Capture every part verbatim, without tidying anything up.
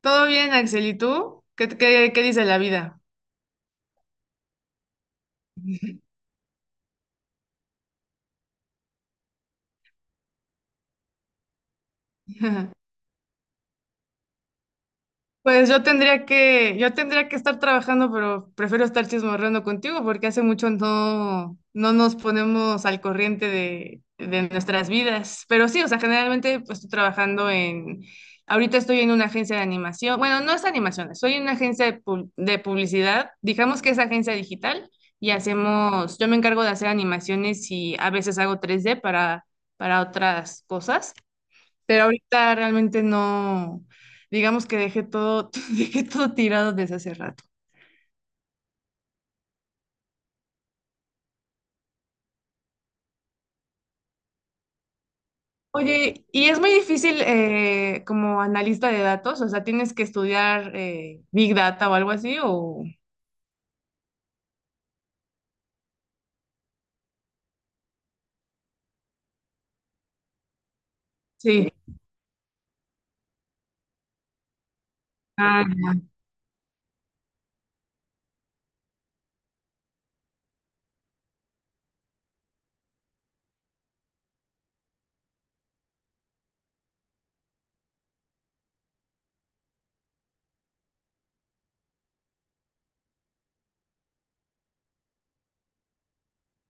Todo bien, Axel, ¿y tú? ¿Qué, qué, qué dice la vida? Pues yo tendría que, yo tendría que estar trabajando, pero prefiero estar chismorreando contigo porque hace mucho no, no nos ponemos al corriente de, de nuestras vidas. Pero sí, o sea, generalmente pues estoy trabajando en, ahorita estoy en una agencia de animación. Bueno, no es animación, soy en una agencia de, pub- de publicidad, digamos que es agencia digital, y hacemos, yo me encargo de hacer animaciones y a veces hago tres d para, para, otras cosas. Pero ahorita realmente no, digamos que dejé todo, dejé todo tirado desde hace rato. Oye, y es muy difícil eh, como analista de datos, o sea, tienes que estudiar eh, Big Data o algo así, o sí. Ah,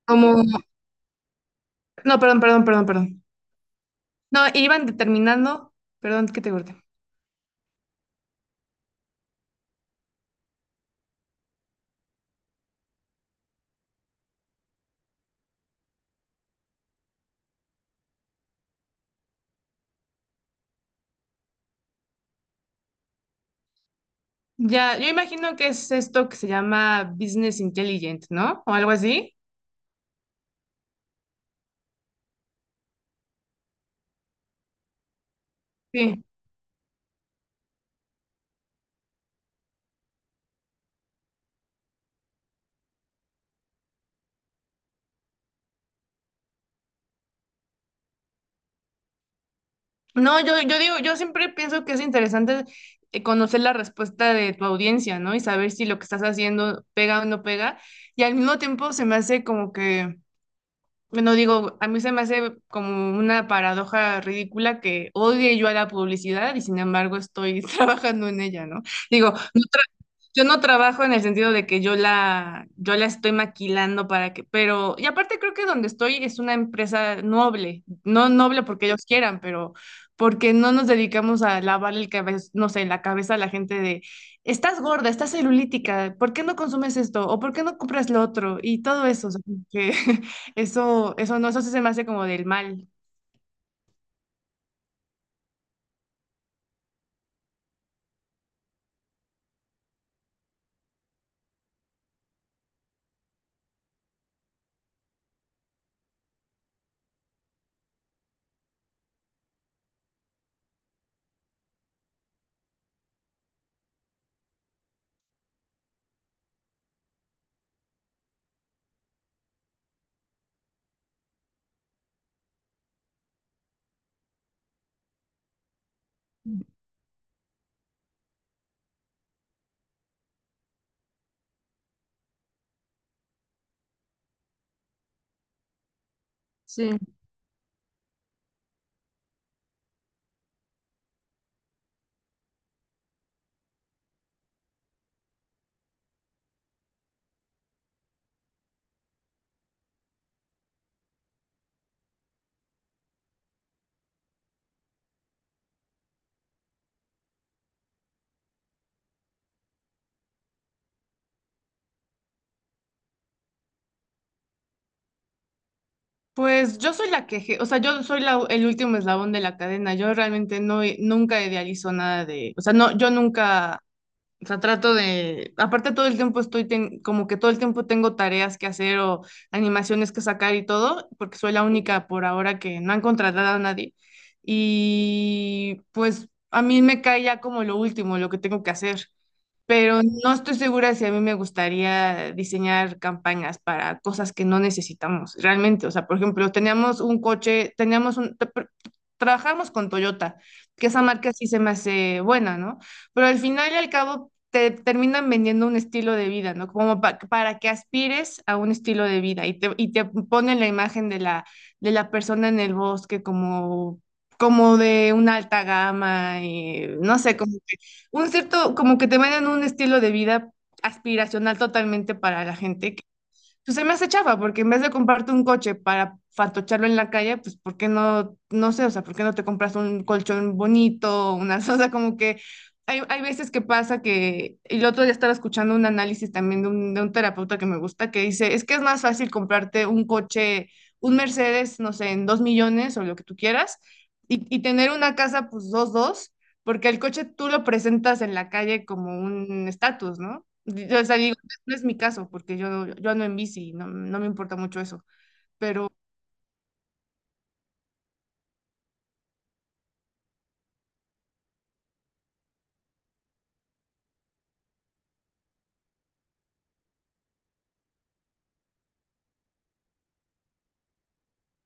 como, no, perdón, perdón, perdón, perdón. No, iban determinando, perdón que te corté. Ya, yo imagino que es esto que se llama Business Intelligent, ¿no? O algo así. Sí. No, yo, yo digo, yo siempre pienso que es interesante, eh, conocer la respuesta de tu audiencia, ¿no? Y saber si lo que estás haciendo pega o no pega. Y al mismo tiempo se me hace como que, bueno, digo, a mí se me hace como una paradoja ridícula que odie yo a la publicidad y sin embargo estoy trabajando en ella, ¿no? Digo, no, yo no trabajo en el sentido de que yo la, yo la estoy maquilando para que, pero, y aparte creo que donde estoy es una empresa noble, no noble porque ellos quieran, pero porque no nos dedicamos a lavar el cabeza, no sé, la cabeza a la gente de, estás gorda, estás celulítica, ¿por qué no consumes esto? ¿O por qué no compras lo otro? Y todo eso, o sea, que eso, eso no, eso sí se me hace como del mal. Sí. Pues yo soy la que, je- o sea, yo soy la- el último eslabón de la cadena. Yo realmente no, i- nunca idealizo nada de, o sea, no, yo nunca, o sea, trato de, aparte todo el tiempo estoy, ten- como que todo el tiempo tengo tareas que hacer o animaciones que sacar y todo, porque soy la única por ahora que no han contratado a nadie. Y pues a mí me cae ya como lo último, lo que tengo que hacer, pero no estoy segura si a mí me gustaría diseñar campañas para cosas que no necesitamos realmente. O sea, por ejemplo, teníamos un coche, teníamos un... tra- tra- trabajamos con Toyota, que esa marca sí se me hace buena, ¿no? Pero al final y al cabo te terminan vendiendo un estilo de vida, ¿no? Como pa- para que aspires a un estilo de vida y te, y te ponen la imagen de la, de la, persona en el bosque como, como de una alta gama, y no sé, cómo un cierto, como que te venden un estilo de vida aspiracional totalmente para la gente, pues se me hace chafa, porque en vez de comprarte un coche para fatocharlo en la calle, pues ¿por qué no, no sé, o sea, ¿por qué no te compras un colchón bonito, una, o sea, como que hay, hay veces que pasa que, y el otro día estaba escuchando un análisis también de un, de un terapeuta que me gusta, que dice, es que es más fácil comprarte un coche, un Mercedes, no sé, en dos millones o lo que tú quieras, y, y tener una casa, pues dos, dos, porque el coche tú lo presentas en la calle como un estatus, ¿no? O sea, digo, no es mi caso, porque yo, yo ando en bici, no, no, me importa mucho eso, pero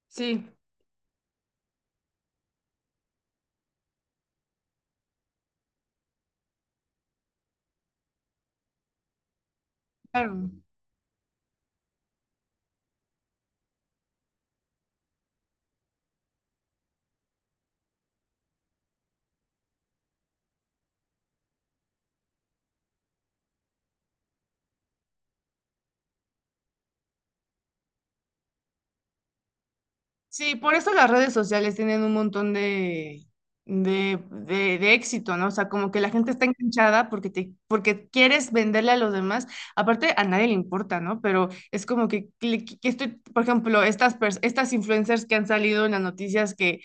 sí, claro. Sí, por eso las redes sociales tienen un montón de, de, de, de éxito, ¿no? O sea, como que la gente está enganchada porque te, porque quieres venderle a los demás. Aparte, a nadie le importa, ¿no? Pero es como que, que- que estoy, por ejemplo, estas, pers- estas influencers que han salido en las noticias que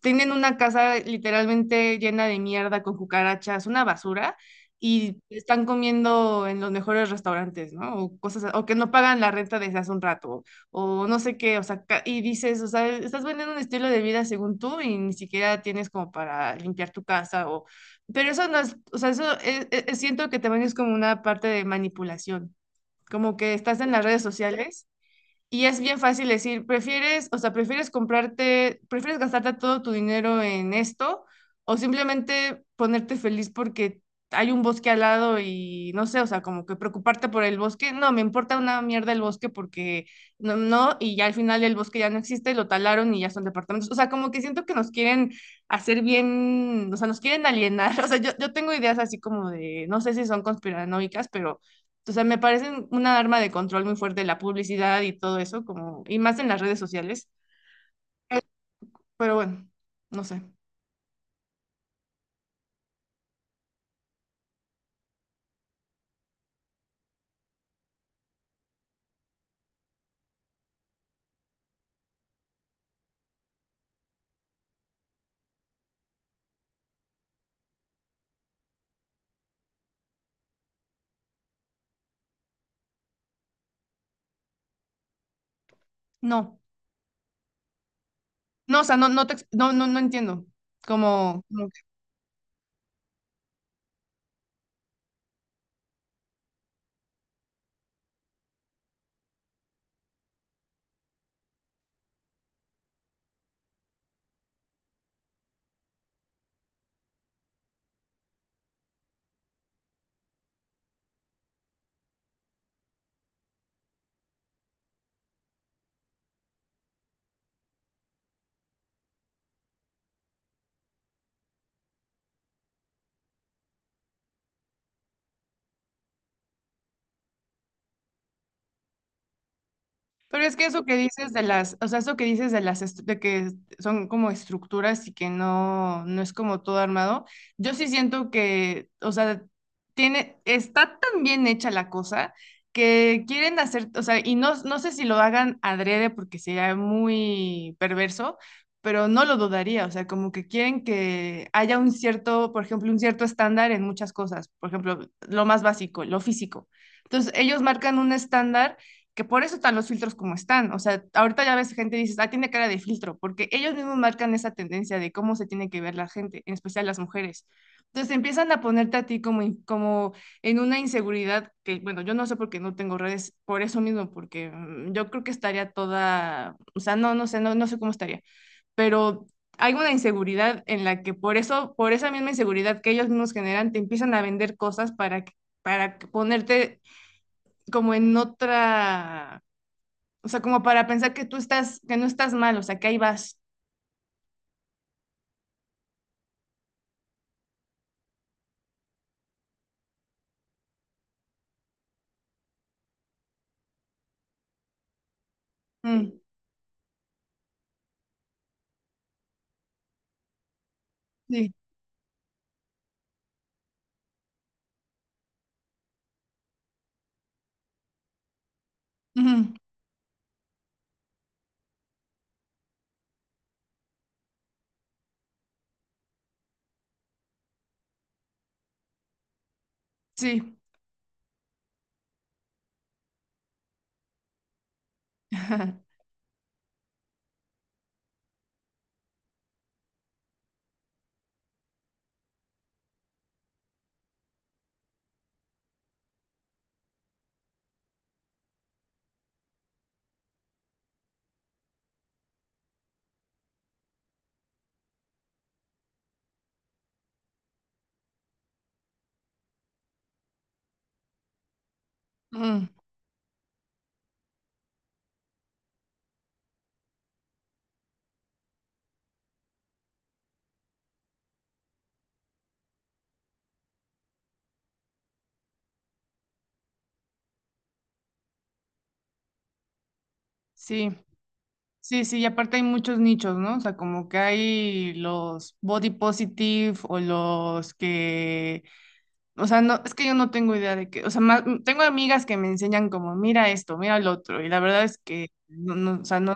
tienen una casa literalmente llena de mierda con cucarachas, una basura, y están comiendo en los mejores restaurantes, ¿no? O cosas, o que no pagan la renta desde hace un rato, o no sé qué, o sea, ca- y dices, o sea, estás vendiendo un estilo de vida según tú y ni siquiera tienes como para limpiar tu casa, o, pero eso no es, o sea, eso es- es- siento que también es como una parte de manipulación, como que estás en las redes sociales y es bien fácil decir, prefieres, o sea, prefieres comprarte, prefieres gastarte todo tu dinero en esto o simplemente ponerte feliz porque hay un bosque al lado y no sé, o sea, como que preocuparte por el bosque. No, me importa una mierda el bosque porque no, no, y ya al final el bosque ya no existe, lo talaron y ya son departamentos. O sea, como que siento que nos quieren hacer bien, o sea, nos quieren alienar. O sea, yo, yo tengo ideas así como de, no sé si son conspiranoicas, pero o sea, me parecen una arma de control muy fuerte la publicidad y todo eso, como, y más en las redes sociales. Pero bueno, no sé. No. No, o sea, no, no, te ex- no, no, no entiendo. Como, pero es que eso que dices de las, o sea, eso que dices de las, est- de que son como estructuras y que no, no es como todo armado, yo sí siento que, o sea, tiene, está tan bien hecha la cosa que quieren hacer, o sea, y no, no sé si lo hagan adrede porque sería muy perverso, pero no lo dudaría, o sea, como que quieren que haya un cierto, por ejemplo, un cierto estándar en muchas cosas, por ejemplo, lo más básico, lo físico. Entonces, ellos marcan un estándar, que por eso están los filtros como están. O sea, ahorita ya ves gente y dices, ah, tiene cara de filtro, porque ellos mismos marcan esa tendencia de cómo se tiene que ver la gente, en especial las mujeres. Entonces empiezan a ponerte a ti como, in- como en una inseguridad que, bueno, yo no sé por qué no tengo redes, por eso mismo, porque mm, yo creo que estaría toda, o sea, no, no sé, no, no sé cómo estaría, pero hay una inseguridad en la que por eso, por esa misma inseguridad que ellos mismos generan, te empiezan a vender cosas para, que- para que ponerte como en otra, o sea, como para pensar que tú estás, que no estás mal, o sea, que ahí vas. Mm, sí, ujú, sí, Mm, sí, sí, sí, y aparte hay muchos nichos, ¿no? O sea, como que hay los body positive o los que, o sea, no, es que yo no tengo idea de qué, o sea, más- tengo amigas que me enseñan como, mira esto, mira el otro, y la verdad es que, no, no, o sea, no.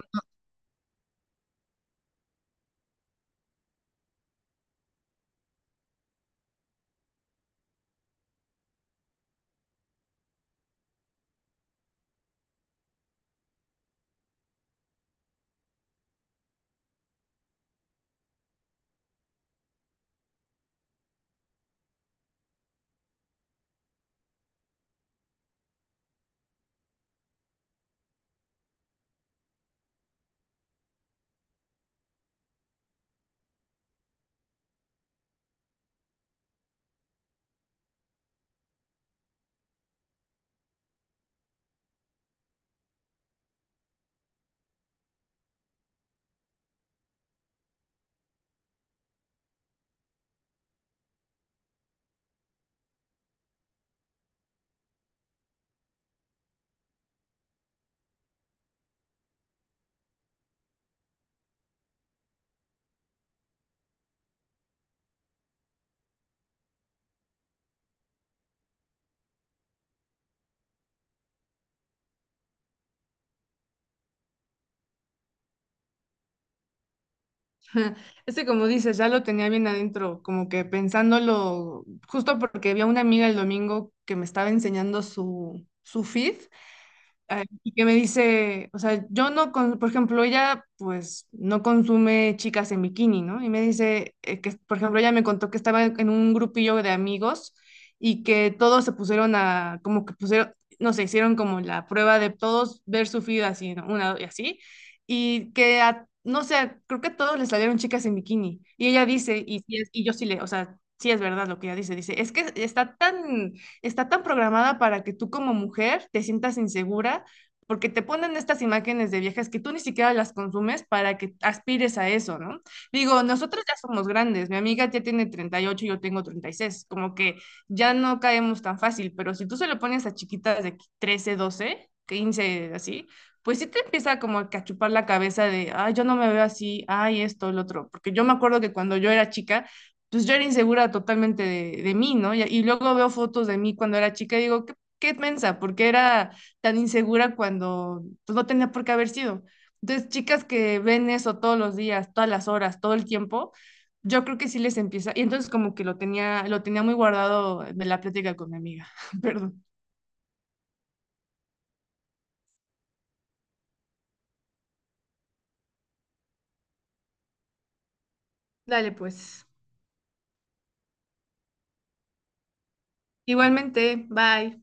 Este, como dices, ya lo tenía bien adentro, como que pensándolo, justo porque vi a una amiga el domingo que me estaba enseñando su, su feed, ah, y que me dice, o sea, yo no, con- por ejemplo, ella pues no consume chicas en bikini, ¿no? Y me dice, eh, que, por ejemplo, ella me contó que estaba en un grupillo de amigos, y que todos se pusieron a, como que pusieron, no sé, hicieron como la prueba de todos ver su feed así, ¿no? Una y así, y que a- no sé, creo que a todos les salieron chicas en bikini. Y ella dice, y, sí es- y yo sí le, o sea, sí es verdad lo que ella dice, dice, es que está tan está tan programada para que tú como mujer te sientas insegura porque te ponen estas imágenes de viejas que tú ni siquiera las consumes para que aspires a eso, ¿no? Digo, nosotros ya somos grandes, mi amiga ya tiene treinta y ocho y yo tengo treinta y seis. Como que ya no caemos tan fácil, pero si tú se lo pones a chiquitas de trece, doce, quince, así, pues sí te empieza como a chupar la cabeza de, ay, yo no me veo así, ay, esto, el otro, porque yo me acuerdo que cuando yo era chica, pues yo era insegura totalmente de, de mí, ¿no? Y, y luego veo fotos de mí cuando era chica y digo, qué, qué mensa, porque era tan insegura cuando pues, no tenía por qué haber sido. Entonces, chicas que ven eso todos los días, todas las horas, todo el tiempo, yo creo que sí les empieza. Y entonces como que lo tenía, lo tenía muy guardado de la plática con mi amiga. Perdón. Dale, pues. Igualmente, bye.